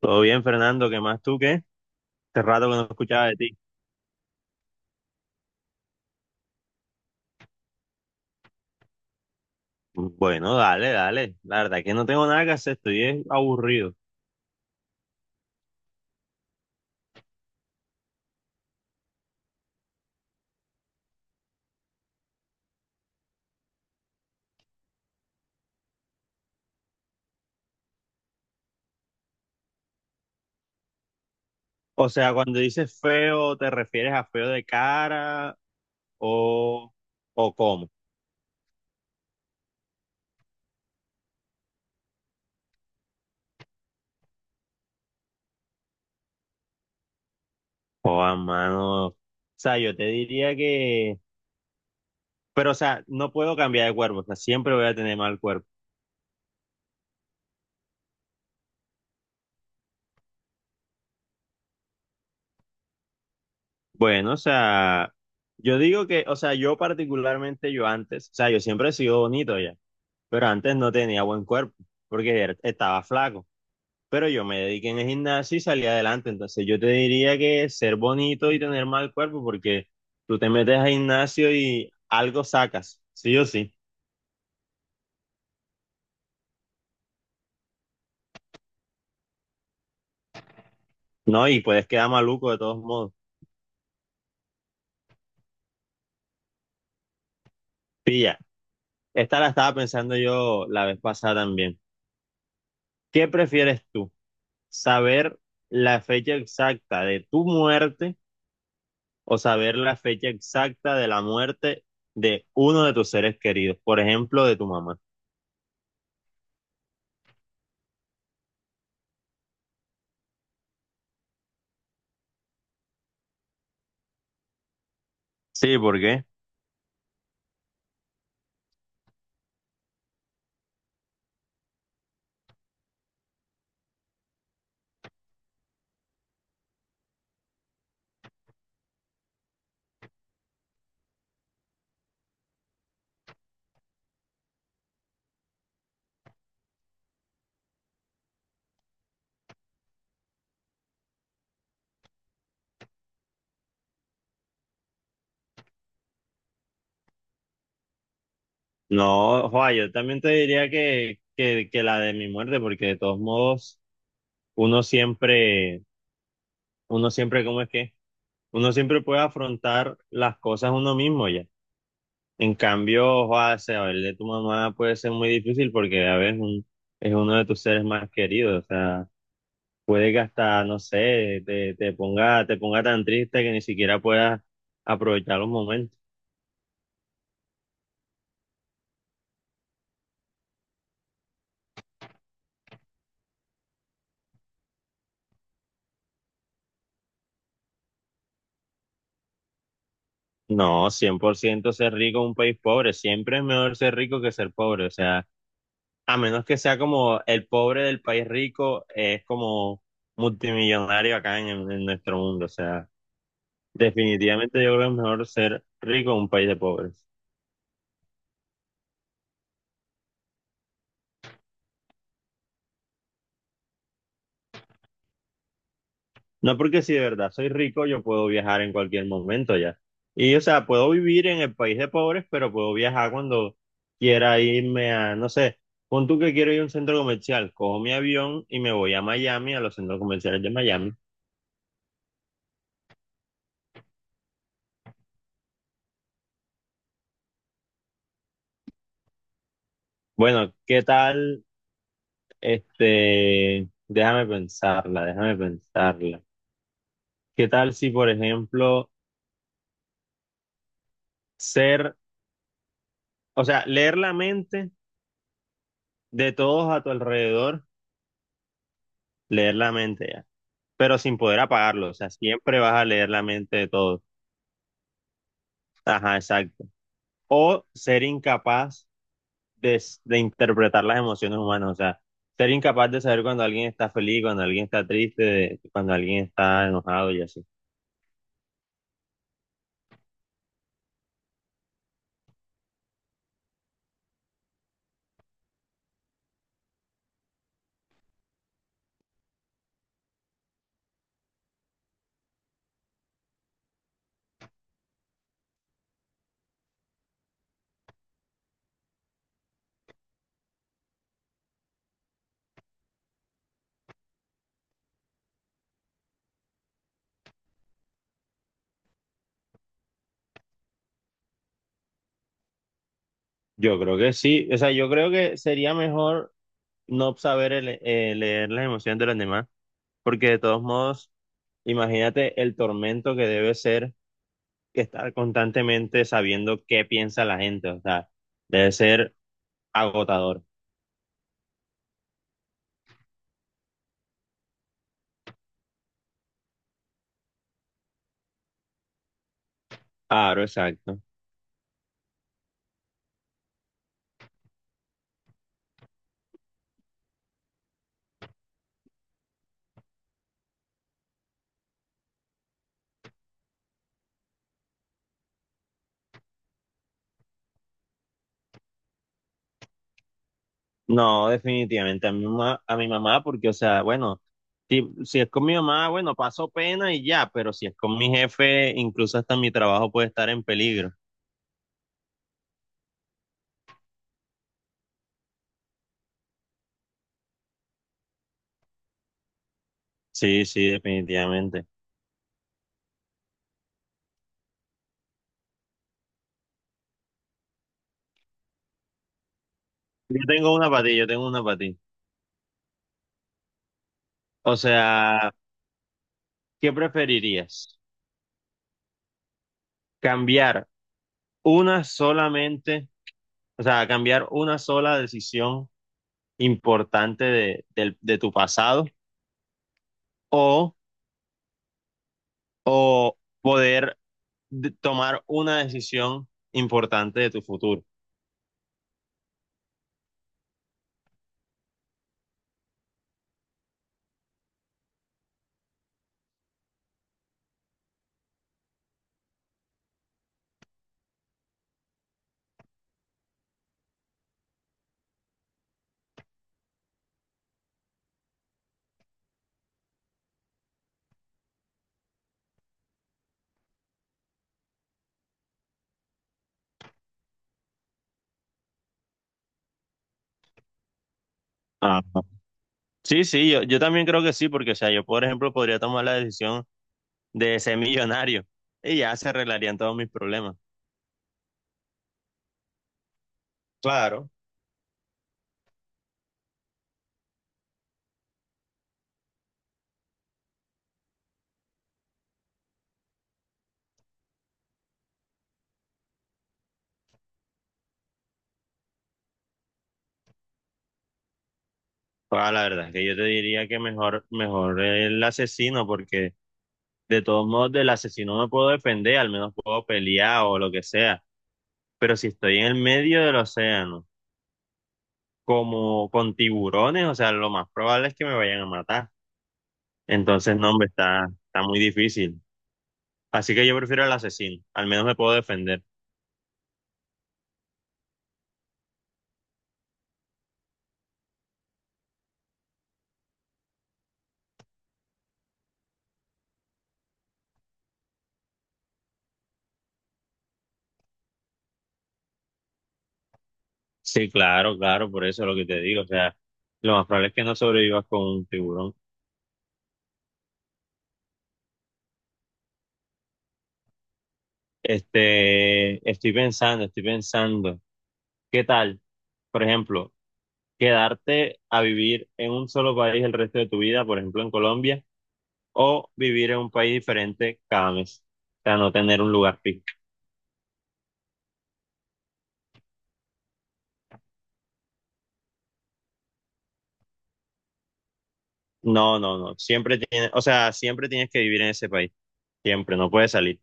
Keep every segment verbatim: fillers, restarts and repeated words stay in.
Todo bien, Fernando, ¿qué más tú qué? Hace rato que no escuchaba de ti. Bueno, dale, dale. La verdad es que no tengo nada que hacer, estoy es aburrido. O sea, cuando dices feo, ¿te refieres a feo de cara o, o cómo? O a mano. O sea, yo te diría que. Pero, o sea, no puedo cambiar de cuerpo, o sea, siempre voy a tener mal cuerpo. Bueno, o sea, yo digo que, o sea, yo particularmente, yo antes, o sea, yo siempre he sido bonito ya, pero antes no tenía buen cuerpo porque era- estaba flaco. Pero yo me dediqué en el gimnasio y salí adelante. Entonces yo te diría que ser bonito y tener mal cuerpo, porque tú te metes al gimnasio y algo sacas, sí o sí, ¿no? Y puedes quedar maluco de todos modos. Pilla, esta la estaba pensando yo la vez pasada también. ¿Qué prefieres tú? ¿Saber la fecha exacta de tu muerte o saber la fecha exacta de la muerte de uno de tus seres queridos? Por ejemplo, de tu mamá. Sí, ¿por qué? No, Juan, yo también te diría que, que, que la de mi muerte, porque de todos modos, uno siempre, uno siempre, ¿cómo es que? Uno siempre puede afrontar las cosas uno mismo ya. En cambio, Juan, saber de tu mamá puede ser muy difícil porque a veces un- es uno de tus seres más queridos. O sea, puede que hasta, no sé, te, te ponga, te ponga tan triste que ni siquiera puedas aprovechar los momentos. No, cien por ciento ser rico en un país pobre. Siempre es mejor ser rico que ser pobre. O sea, a menos que sea como el pobre del país rico, eh, es como multimillonario acá en, en nuestro mundo. O sea, definitivamente yo creo que es mejor ser rico en un país de pobres. No porque si de verdad soy rico, yo puedo viajar en cualquier momento ya. Y o sea, puedo vivir en el país de pobres, pero puedo viajar cuando quiera irme a, no sé, pon tú que quiero ir a un centro comercial, cojo mi avión y me voy a Miami, a los centros comerciales de Miami. Bueno, ¿qué tal? Este, déjame pensarla, déjame pensarla. ¿Qué tal si, por ejemplo, ser, o sea, leer la mente de todos a tu alrededor, leer la mente ya, pero sin poder apagarlo, o sea, siempre vas a leer la mente de todos. Ajá, exacto. O ser incapaz de, s- de interpretar las emociones humanas, o sea, ser incapaz de saber cuando alguien está feliz, cuando alguien está triste, de- cuando alguien está enojado y así. Yo creo que sí, o sea, yo creo que sería mejor no saber el- eh, leer las emociones de los demás, porque de todos modos, imagínate el tormento que debe ser que estar constantemente sabiendo qué piensa la gente, o sea, debe ser agotador. Claro, exacto. No, definitivamente a mi mamá, a mi mamá, porque, o sea, bueno, si, si es con mi mamá, bueno, paso pena y ya, pero si es con mi jefe, incluso hasta mi trabajo puede estar en peligro. Sí, sí, definitivamente. Yo tengo una para ti, yo tengo una para ti. O sea, ¿qué preferirías? Cambiar una solamente, o sea, cambiar una sola decisión importante de, del- de tu pasado o, o poder de- tomar una decisión importante de tu futuro. Ah, sí, sí, yo, yo también creo que sí, porque, o sea, yo, por ejemplo, podría tomar la decisión de ser millonario y ya se arreglarían todos mis problemas. Claro. Ah, la verdad es que yo te diría que mejor, mejor el asesino, porque de todos modos, del asesino me puedo defender, al menos puedo pelear o lo que sea. Pero si estoy en el medio del océano, como con tiburones, o sea, lo más probable es que me vayan a matar. Entonces, no, hombre, está, está muy difícil. Así que yo prefiero al asesino, al menos me puedo defender. Sí, claro, claro, por eso es lo que te digo. O sea, lo más probable es que no sobrevivas con un tiburón. Este, estoy pensando, estoy pensando. ¿Qué tal? Por ejemplo, quedarte a vivir en un solo país el resto de tu vida, por ejemplo en Colombia, o vivir en un país diferente cada mes. O sea, no tener un lugar fijo. No, no, no. Siempre tienes, o sea, siempre tienes que vivir en ese país. Siempre, no puedes salir.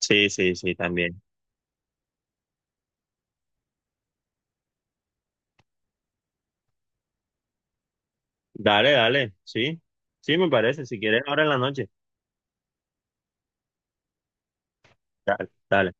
Sí, sí, sí, también. Dale, dale, sí. Sí, me parece. Si quieres, ahora en la noche. Dale, dale.